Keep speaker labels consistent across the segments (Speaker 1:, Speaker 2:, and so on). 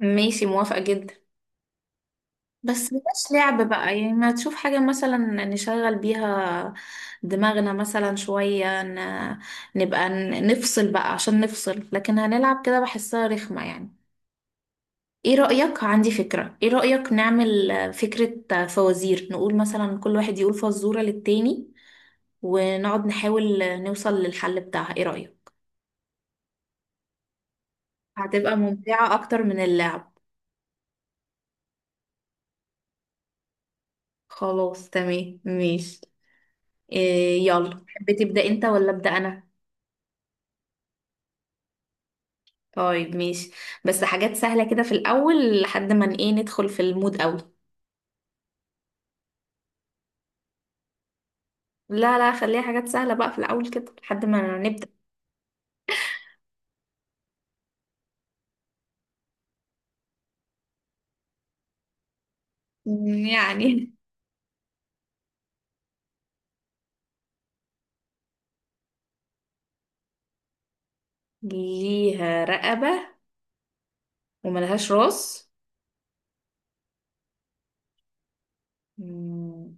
Speaker 1: ماشي، موافقة جدا. بس مبقاش لعب بقى، يعني ما تشوف حاجة مثلا نشغل بيها دماغنا مثلا شوية نبقى نفصل بقى عشان نفصل، لكن هنلعب كده بحسها رخمة يعني. ايه رأيك؟ عندي فكرة، ايه رأيك نعمل فكرة فوازير، نقول مثلا كل واحد يقول فزورة للتاني ونقعد نحاول نوصل للحل بتاعها، ايه رأيك؟ هتبقى ممتعة اكتر من اللعب. خلاص تمام ماشي. إيه يلا، تحبي تبدأ انت ولا أبدأ انا؟ طيب ماشي، بس حاجات سهلة كده في الأول لحد ما ايه ندخل في المود قوي. لا لا، خليها حاجات سهلة بقى في الأول كده لحد ما نبدأ. مم، يعني. ليها رقبة وملهاش راس. مم،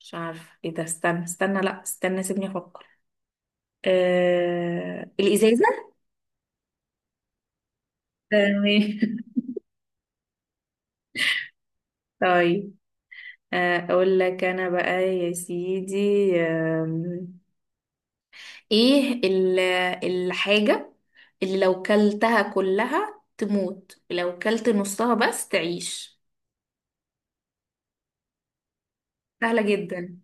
Speaker 1: مش عارفة ايه ده، استنى استنى، لا استنى سيبني أفكر. الإزازة. تمام. طيب. أقول لك أنا بقى يا سيدي، ايه الحاجة اللي لو كلتها كلها تموت ولو كلت نصها بس تعيش؟ سهلة جدا.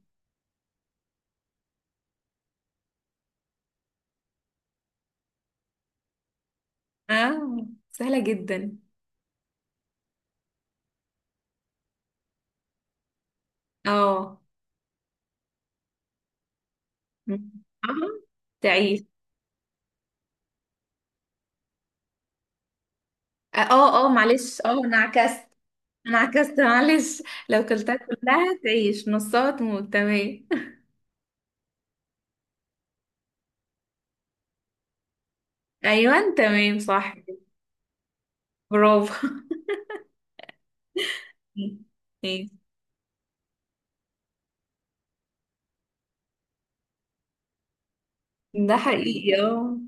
Speaker 1: اه، سهلة جدا. اه. مم. اه، تعيش. اه اه، معلش، اه انا عكست. انا عكست معلش، لو كلتها كلها تعيش نصها تموت، تمام. ايوه تمام صح. برافو. ايه. ده حقيقي، اه.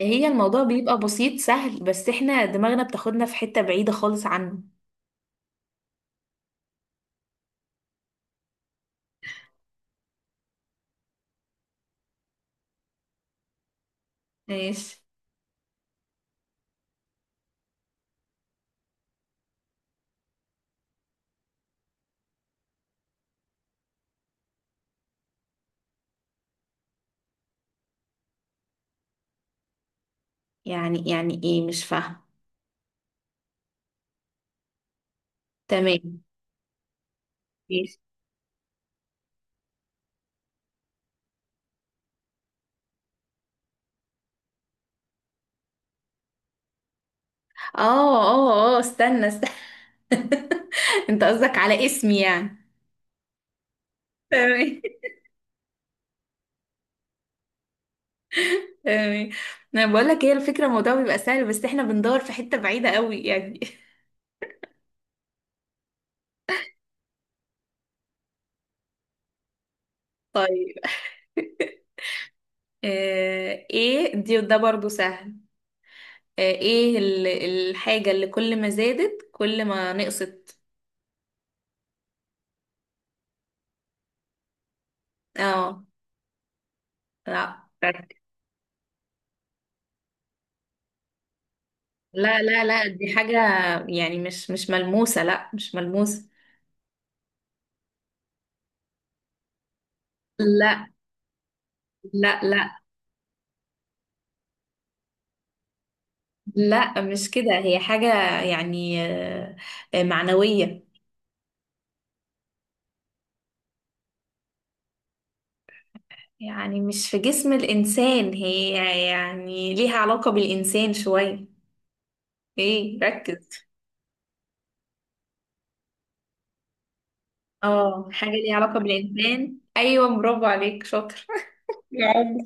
Speaker 1: هي الموضوع بيبقى بسيط سهل، بس احنا دماغنا بتاخدنا في حتة بعيدة خالص عنه. ماشي. يعني ايه، مش فاهمة. تمام. ماشي. اه اه اه، استنى استنى. انت قصدك على اسمي يعني؟ تمام. تمام، انا بقول لك هي الفكرة، الموضوع بيبقى سهل بس احنا بندور في حتة بعيدة قوي يعني. طيب. آه، ايه دي، ده برضو سهل. آه، ايه الحاجة اللي كل ما زادت كل ما نقصت؟ اه. لا. لا لا لا، دي حاجة يعني مش مش ملموسة، لا مش ملموسة. لا لا لا لا، مش كده، هي حاجة يعني معنوية. يعني مش في جسم الإنسان هي، يعني ليها علاقة بالإنسان شوية. ايه ركز. اه، حاجة ليها علاقة بالإنسان، أيوة برافو عليك شاطر. العمر.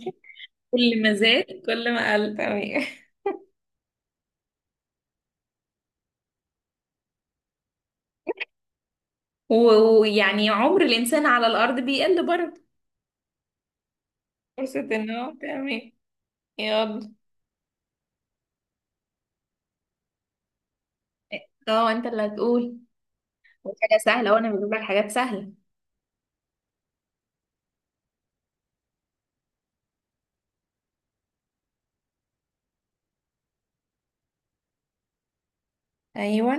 Speaker 1: كل ما زاد كل ما قل، تمام. و- ويعني عمر الإنسان على الأرض بيقل برضه، فرصة إن هو. تمام، يلا. اه، انت اللي هتقول. حاجة سهلة، وانا بجيب لك حاجات سهلة. ايوه.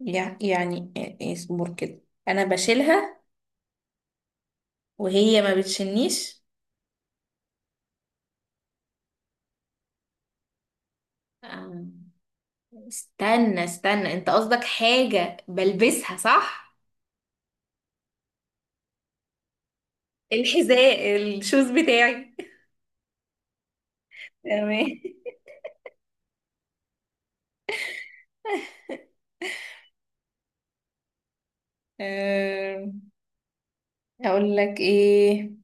Speaker 1: يعني اصبر كده، انا بشيلها وهي ما بتشيلنيش. آه، استنى استنى، انت قصدك حاجة بلبسها صح؟ الحذاء، الشوز بتاعي. تمام. أه، اقول لك ايه.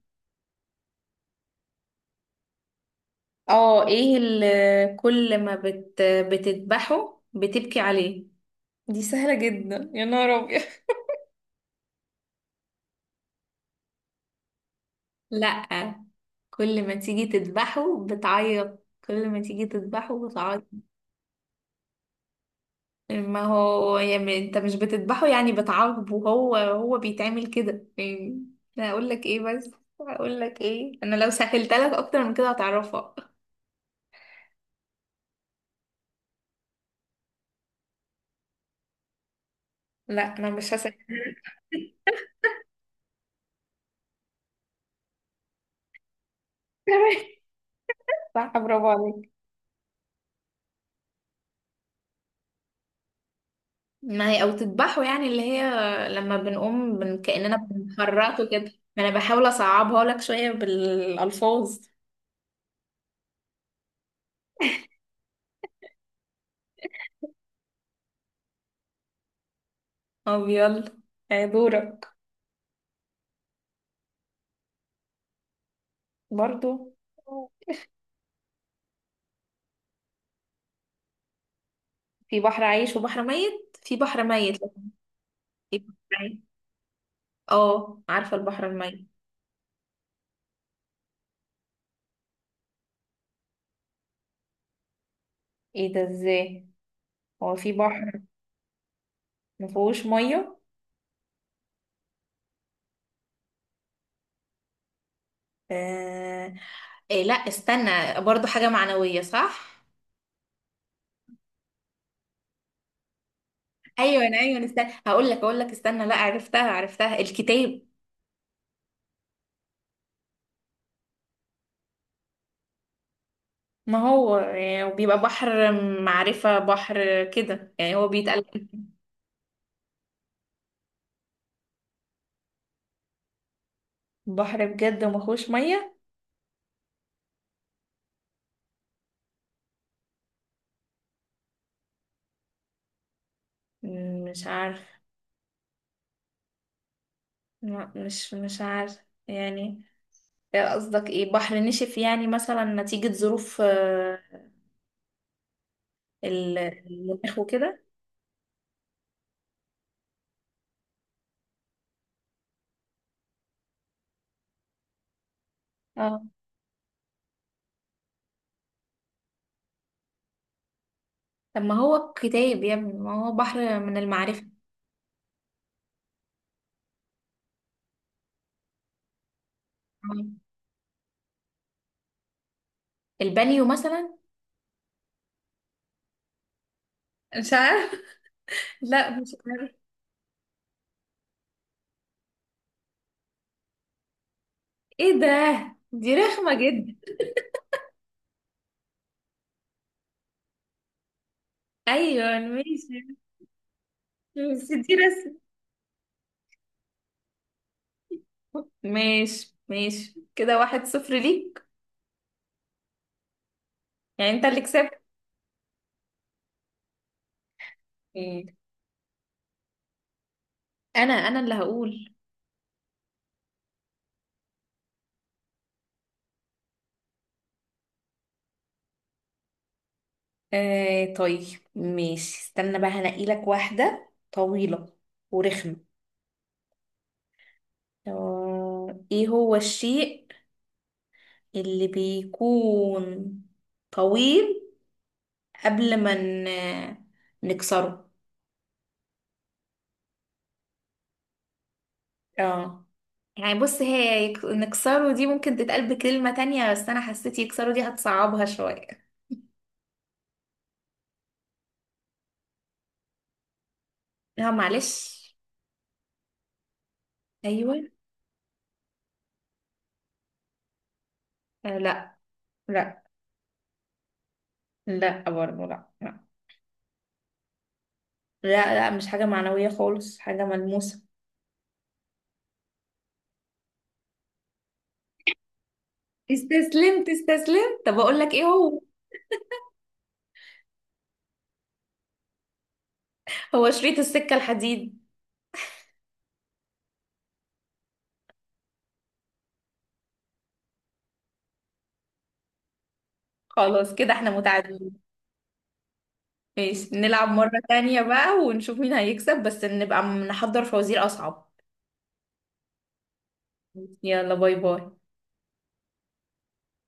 Speaker 1: اه، ايه اللي كل ما بتذبحه بتبكي عليه؟ دي سهلة جدا، يا نهار. لأ، كل ما تيجي تذبحه بتعيط، كل ما تيجي تذبحه بتعيط. ما هو يعني انت مش بتذبحه، يعني بتعاقبه، هو بيتعمل كده يعني. انا اقول لك ايه بس، اقول لك ايه، انا لو سهلت لك اكتر من كده هتعرفها. لا انا مش هسهل. صح، برافو عليك. ما هي او تذبحه، يعني اللي هي لما بنقوم كأننا بنحرقه كده. ما انا بحاول اصعبها لك شوية بالالفاظ. طب يلا، يا دورك. برضو. في بحر عايش وبحر ميت؟ في بحر ميت لكن. في بحر عايش. اه، عارفة البحر الميت. ايه ده، ازاي؟ هو في بحر مفهوش مية؟ آه... إيه، لا استنى، برضو حاجة معنوية صح؟ ايوه انا، ايوه أنا استنى هقول لك، استنى، لا عرفتها عرفتها، الكتاب. ما هو وبيبقى بحر معرفة، بحر كده يعني، هو بيتقال. بحر بجد ومفهوش مية. مش عارف. لا، مش مش عارف يعني. قصدك ايه، بحر نشف يعني مثلا نتيجة ظروف المناخ وكده. اه. طب ما هو الكتاب يا ابني ما هو بحر من المعرفة. آه. البانيو مثلا. مش عارف. لا مش عارف. ايه ده؟ دي رخمة جدا. ايوه ماشي. بس دي رسم. ماشي ماشي كده، 1-0 ليك. يعني انت اللي كسبت. مم. انا اللي هقول. آه طيب، ماشي، استنى بقى هنقي لك واحدة طويلة ورخمة. ايه هو الشيء اللي بيكون طويل قبل ما نكسره؟ اه. يعني بص، هي نكسره دي ممكن تتقال بكلمة تانية، بس انا حسيت يكسره دي هتصعبها شوية. لا معلش. ايوه. آه لا. لا. لا برضه، لا لا. لا لا مش حاجة معنوية خالص، حاجة ملموسة. استسلمت استسلمت. طب اقول لك ايه هو شريط السكة الحديد. خلاص كده احنا متعادلين. ماشي، نلعب مرة تانية بقى ونشوف مين هيكسب، بس نبقى نحضر فوازير أصعب. يلا، باي باي.